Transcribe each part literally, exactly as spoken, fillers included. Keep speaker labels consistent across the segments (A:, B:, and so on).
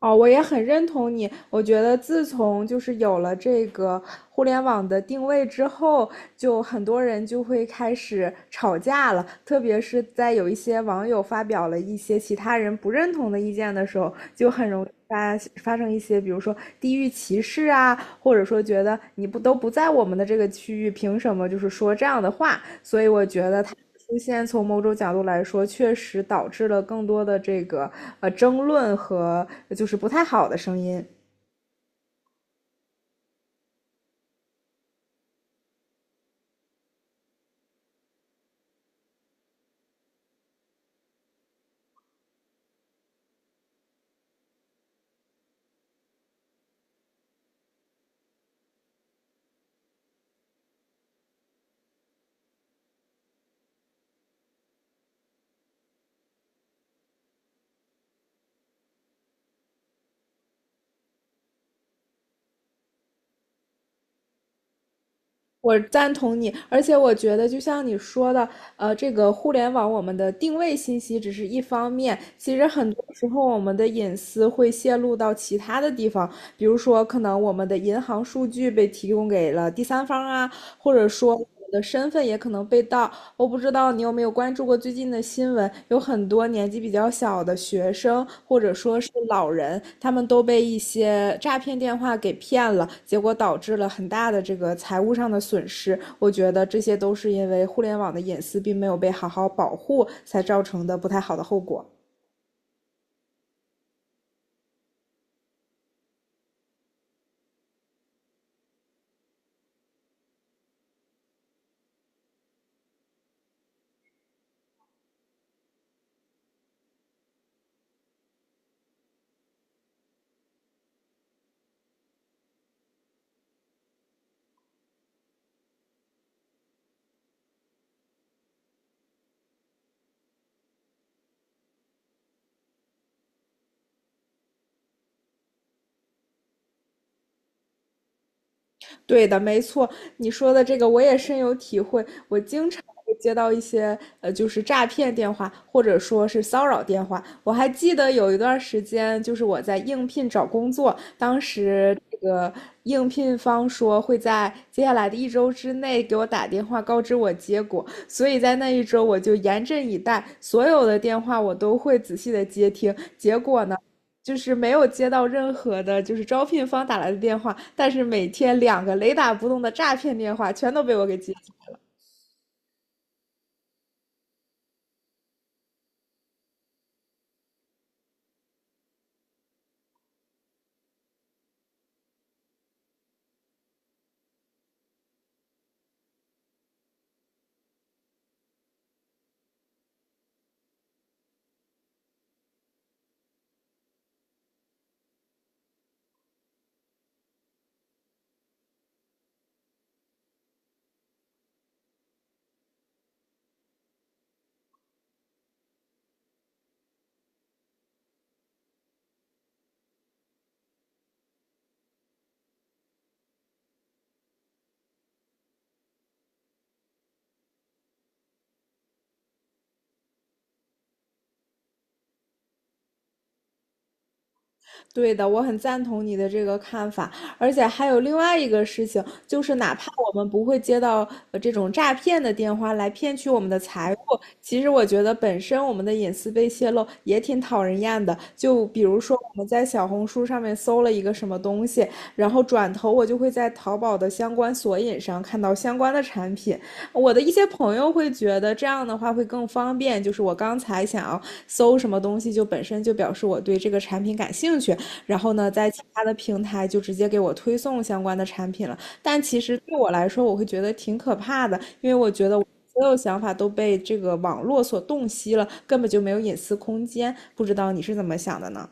A: 哦，我也很认同你。我觉得自从就是有了这个互联网的定位之后，就很多人就会开始吵架了。特别是在有一些网友发表了一些其他人不认同的意见的时候，就很容易发发生一些，比如说地域歧视啊，或者说觉得你不都不在我们的这个区域，凭什么就是说这样的话？所以我觉得它出现，从某种角度来说，确实导致了更多的这个呃争论和就是不太好的声音。我赞同你，而且我觉得就像你说的，呃，这个互联网我们的定位信息只是一方面，其实很多时候我们的隐私会泄露到其他的地方，比如说可能我们的银行数据被提供给了第三方啊，或者说我们的身份也可能被盗，我不知道你有没有关注过最近的新闻，有很多年纪比较小的学生或者说是老人，他们都被一些诈骗电话给骗了，结果导致了很大的这个财务上的损失。我觉得这些都是因为互联网的隐私并没有被好好保护才造成的不太好的后果。对的，没错，你说的这个我也深有体会。我经常会接到一些呃，就是诈骗电话，或者说是骚扰电话。我还记得有一段时间，就是我在应聘找工作，当时这个应聘方说会在接下来的一周之内给我打电话告知我结果，所以在那一周我就严阵以待，所有的电话我都会仔细的接听。结果呢，就是没有接到任何的，就是招聘方打来的电话，但是每天两个雷打不动的诈骗电话全都被我给接。对的，我很赞同你的这个看法，而且还有另外一个事情，就是哪怕我们不会接到呃这种诈骗的电话来骗取我们的财物，其实我觉得本身我们的隐私被泄露也挺讨人厌的。就比如说我们在小红书上面搜了一个什么东西，然后转头我就会在淘宝的相关索引上看到相关的产品。我的一些朋友会觉得这样的话会更方便，就是我刚才想要搜什么东西，就本身就表示我对这个产品感兴趣，然后呢，在其他的平台就直接给我推送相关的产品了。但其实对我来说，我会觉得挺可怕的，因为我觉得我所有想法都被这个网络所洞悉了，根本就没有隐私空间。不知道你是怎么想的呢？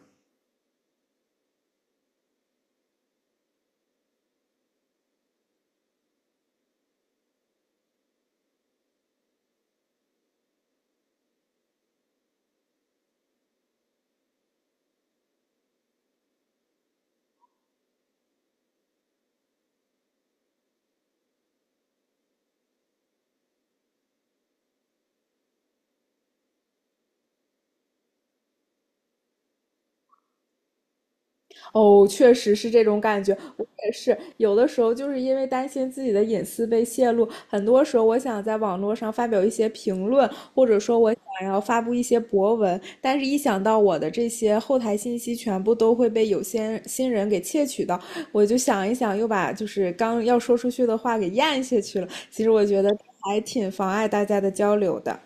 A: 哦，确实是这种感觉，我也是。有的时候就是因为担心自己的隐私被泄露，很多时候我想在网络上发表一些评论，或者说我想要发布一些博文，但是一想到我的这些后台信息全部都会被有些新人给窃取到，我就想一想，又把就是刚要说出去的话给咽下去了。其实我觉得还挺妨碍大家的交流的。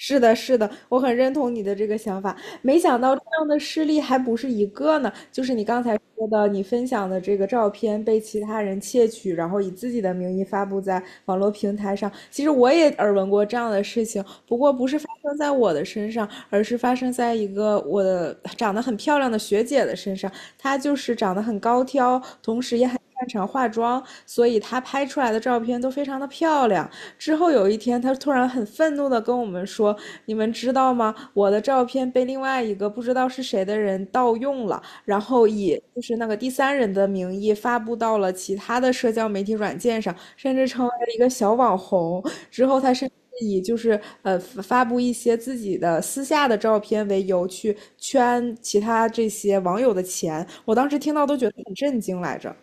A: 是的，是的，我很认同你的这个想法。没想到这样的事例还不是一个呢，就是你刚才说的，你分享的这个照片被其他人窃取，然后以自己的名义发布在网络平台上。其实我也耳闻过这样的事情，不过不是发生在我的身上，而是发生在一个我的长得很漂亮的学姐的身上。她就是长得很高挑，同时也很擅长化妆，所以她拍出来的照片都非常的漂亮。之后有一天，他突然很愤怒的跟我们说："你们知道吗？我的照片被另外一个不知道是谁的人盗用了，然后以就是那个第三人的名义发布到了其他的社交媒体软件上，甚至成为了一个小网红。"之后，他甚至以就是呃发布一些自己的私下的照片为由去圈其他这些网友的钱。我当时听到都觉得很震惊来着。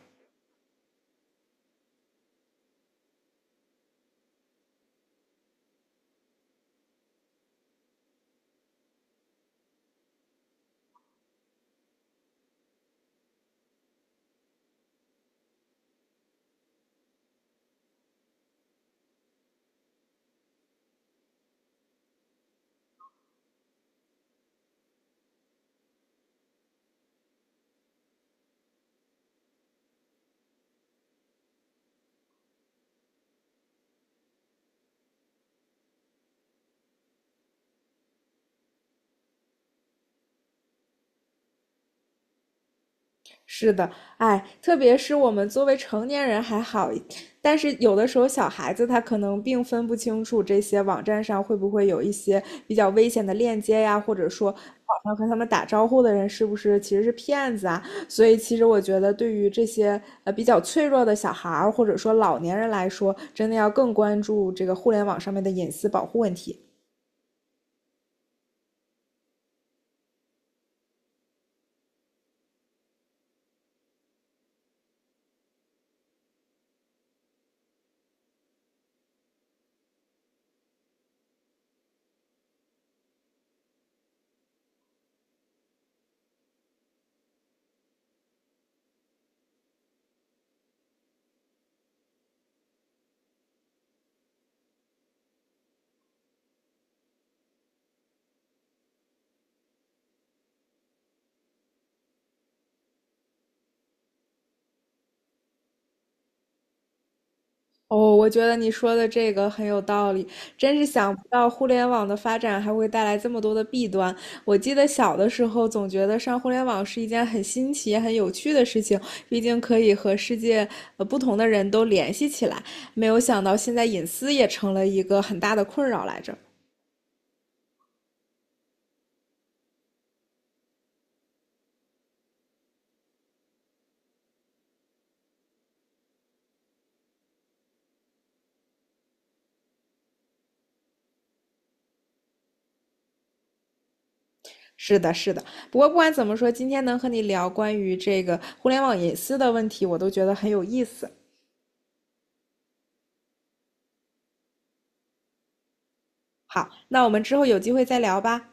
A: 是的，哎，特别是我们作为成年人还好，但是有的时候小孩子他可能并分不清楚这些网站上会不会有一些比较危险的链接呀，或者说网上和他们打招呼的人是不是其实是骗子啊？所以其实我觉得，对于这些呃比较脆弱的小孩儿或者说老年人来说，真的要更关注这个互联网上面的隐私保护问题。哦，我觉得你说的这个很有道理，真是想不到互联网的发展还会带来这么多的弊端。我记得小的时候总觉得上互联网是一件很新奇、很有趣的事情，毕竟可以和世界呃不同的人都联系起来。没有想到现在隐私也成了一个很大的困扰来着。是的，是的。不过不管怎么说，今天能和你聊关于这个互联网隐私的问题，我都觉得很有意思。好，那我们之后有机会再聊吧。